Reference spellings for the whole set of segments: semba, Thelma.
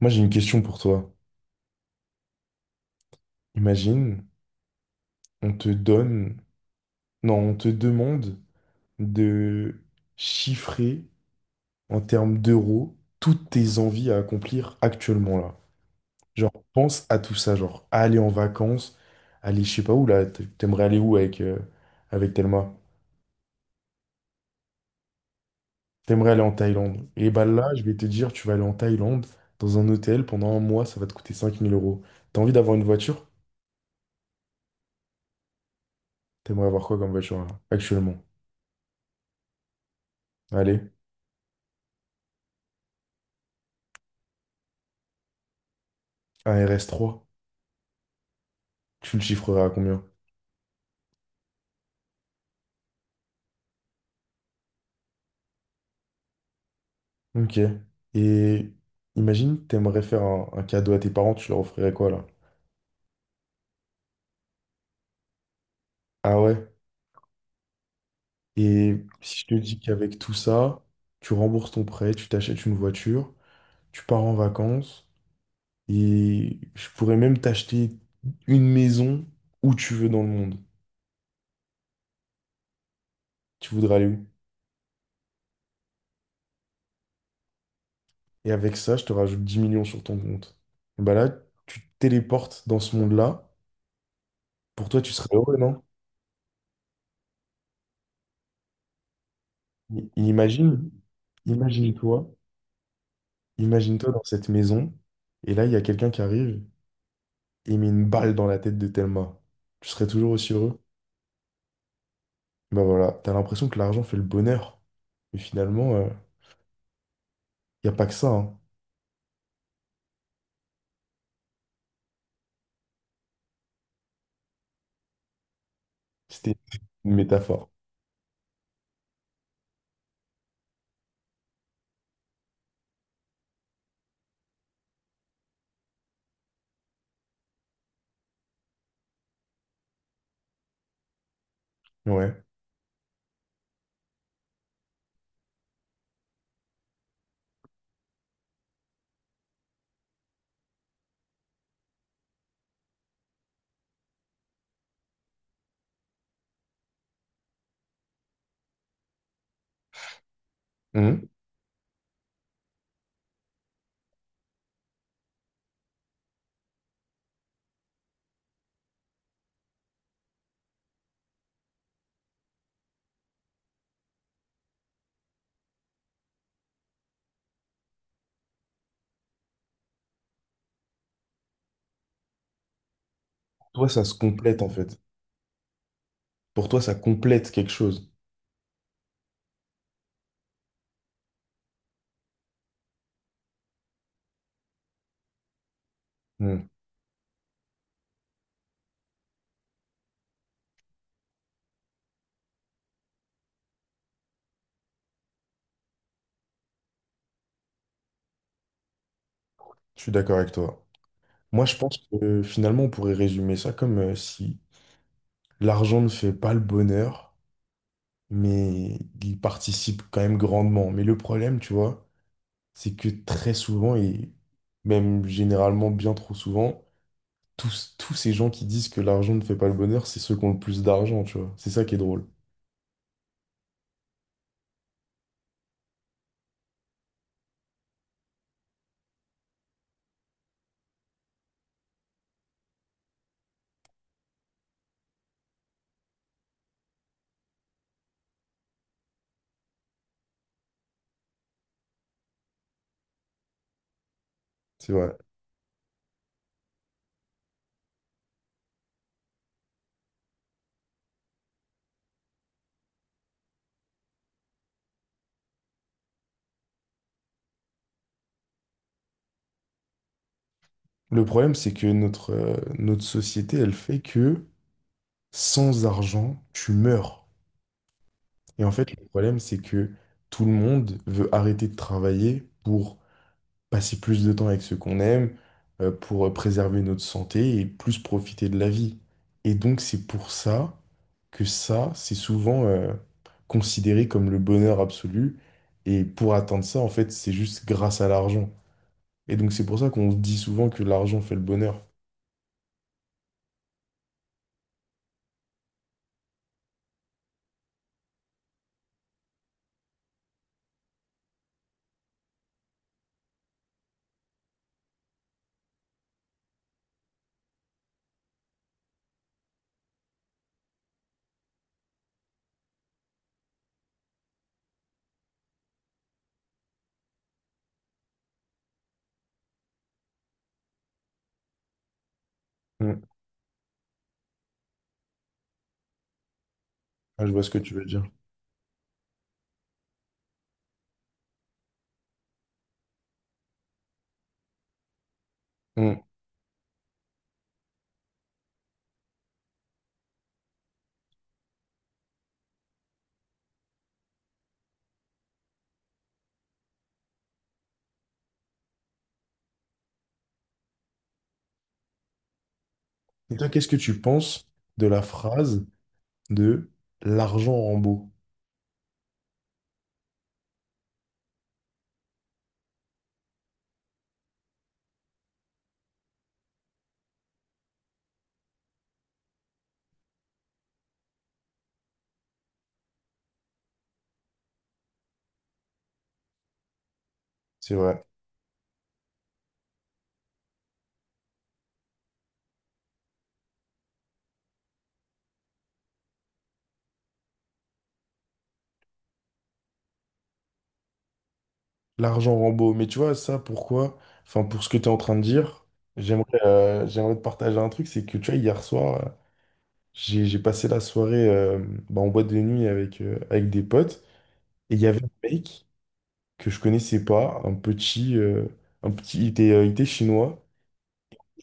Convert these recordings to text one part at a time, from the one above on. Moi, j'ai une question pour toi. Imagine, on te donne, non, on te demande de chiffrer en termes d'euros toutes tes envies à accomplir actuellement là. Genre, pense à tout ça, genre aller en vacances, aller je sais pas où là, t'aimerais aller où avec Thelma? T'aimerais aller en Thaïlande. Et bah là, je vais te dire, tu vas aller en Thaïlande dans un hôtel pendant un mois, ça va te coûter 5000 euros. T'as envie d'avoir une voiture? T'aimerais avoir quoi comme voiture là, actuellement? Allez, un RS3. Tu le chiffrerais à combien? Ok. Et imagine, t'aimerais faire un cadeau à tes parents, tu leur offrirais quoi là? Ah ouais. Et si je te dis qu'avec tout ça, tu rembourses ton prêt, tu t'achètes une voiture, tu pars en vacances, et je pourrais même t'acheter une maison où tu veux dans le monde. Tu voudrais aller où? Et avec ça, je te rajoute 10 millions sur ton compte. Bah là, tu te téléportes dans ce monde-là. Pour toi, tu serais heureux, non? I- Imagine, imagine-toi. Imagine-toi dans cette maison, et là, il y a quelqu'un qui arrive et met une balle dans la tête de Thelma. Tu serais toujours aussi heureux? Bah voilà, t'as l'impression que l'argent fait le bonheur. Mais finalement, il n'y a pas que ça, hein. C'était une métaphore. Ouais. Mhm. Pour toi, ça se complète en fait. Pour toi, ça complète quelque chose. Mhm. Je suis d'accord avec toi. Moi, je pense que finalement, on pourrait résumer ça comme si l'argent ne fait pas le bonheur, mais il participe quand même grandement. Mais le problème, tu vois, c'est que très souvent, et même généralement bien trop souvent, tous ces gens qui disent que l'argent ne fait pas le bonheur, c'est ceux qui ont le plus d'argent, tu vois. C'est ça qui est drôle. C'est vrai. Le problème, c'est que notre société, elle fait que sans argent, tu meurs. Et en fait, le problème, c'est que tout le monde veut arrêter de travailler pour passer plus de temps avec ceux qu'on aime, pour préserver notre santé et plus profiter de la vie. Et donc, c'est pour ça que ça, c'est souvent considéré comme le bonheur absolu. Et pour atteindre ça, en fait, c'est juste grâce à l'argent. Et donc, c'est pour ça qu'on dit souvent que l'argent fait le bonheur. Mm. Ah, je vois ce que tu veux dire. Mm. Et toi, qu'est-ce que tu penses de la phrase de l'argent rend beau? C'est vrai. L'argent rend beau. Mais tu vois, ça, pourquoi? Enfin, pour ce que tu es en train de dire, j'aimerais te partager un truc. C'est que, tu vois, hier soir, j'ai passé la soirée bah, en boîte de nuit avec des potes. Et il y avait un mec que je connaissais pas, un petit, il était chinois.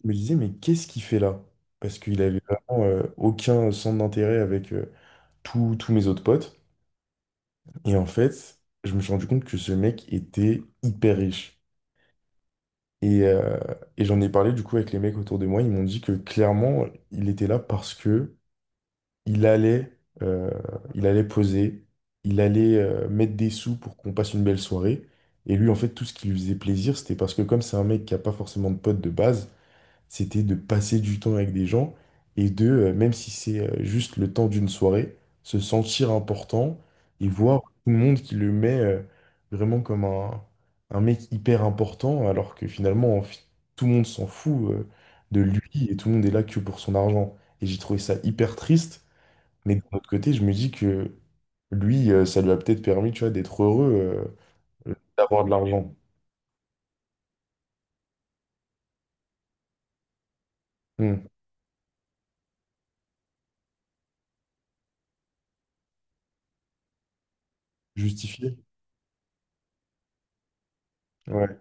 Je me disais, mais qu'est-ce qu'il fait là? Parce qu'il avait vraiment aucun centre d'intérêt avec tous mes autres potes. Et en fait, je me suis rendu compte que ce mec était hyper riche. Et, euh, et j'en ai parlé du coup avec les mecs autour de moi. Ils m'ont dit que clairement, il était là parce que il allait, euh, il allait poser, il allait mettre des sous pour qu'on passe une belle soirée. Et lui, en fait, tout ce qui lui faisait plaisir, c'était parce que comme c'est un mec qui a pas forcément de potes de base, c'était de passer du temps avec des gens et même si c'est juste le temps d'une soirée, se sentir important et voir tout le monde qui le met vraiment comme un mec hyper important, alors que finalement, tout le monde s'en fout de lui et tout le monde est là que pour son argent. Et j'ai trouvé ça hyper triste. Mais de l'autre côté, je me dis que lui, ça lui a peut-être permis, tu vois, d'être heureux, d'avoir de l'argent. Hmm. Justifié. Ouais.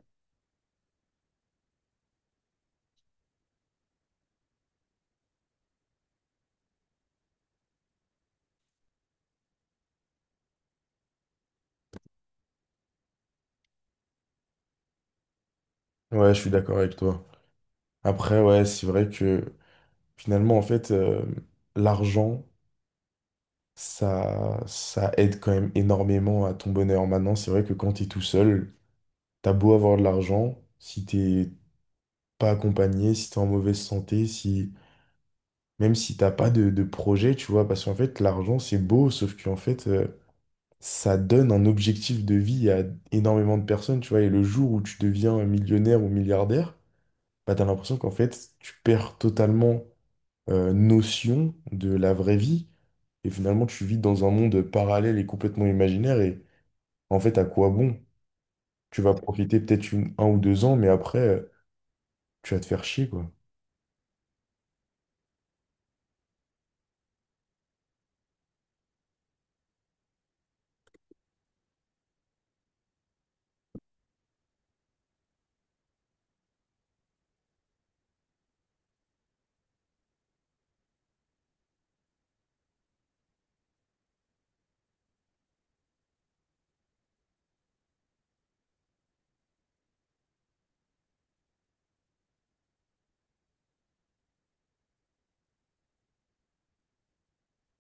Ouais, je suis d'accord avec toi. Après, ouais, c'est vrai que finalement, en fait, l'argent, ça aide quand même énormément à ton bonheur. Maintenant, c'est vrai que quand t'es tout seul, t'as beau avoir de l'argent, si t'es pas accompagné, si t'es en mauvaise santé, si même si t'as pas de projet, tu vois, parce qu'en fait, l'argent, c'est beau, sauf qu'en fait, ça donne un objectif de vie à énormément de personnes, tu vois. Et le jour où tu deviens millionnaire ou milliardaire, bah, t'as l'impression qu'en fait, tu perds totalement notion de la vraie vie. Et finalement, tu vis dans un monde parallèle et complètement imaginaire. Et en fait, à quoi bon? Tu vas profiter peut-être un ou deux ans, mais après, tu vas te faire chier, quoi.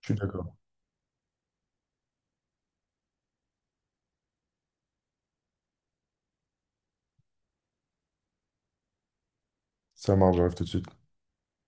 Je suis d'accord. Ça marche, j'arrive tout de suite.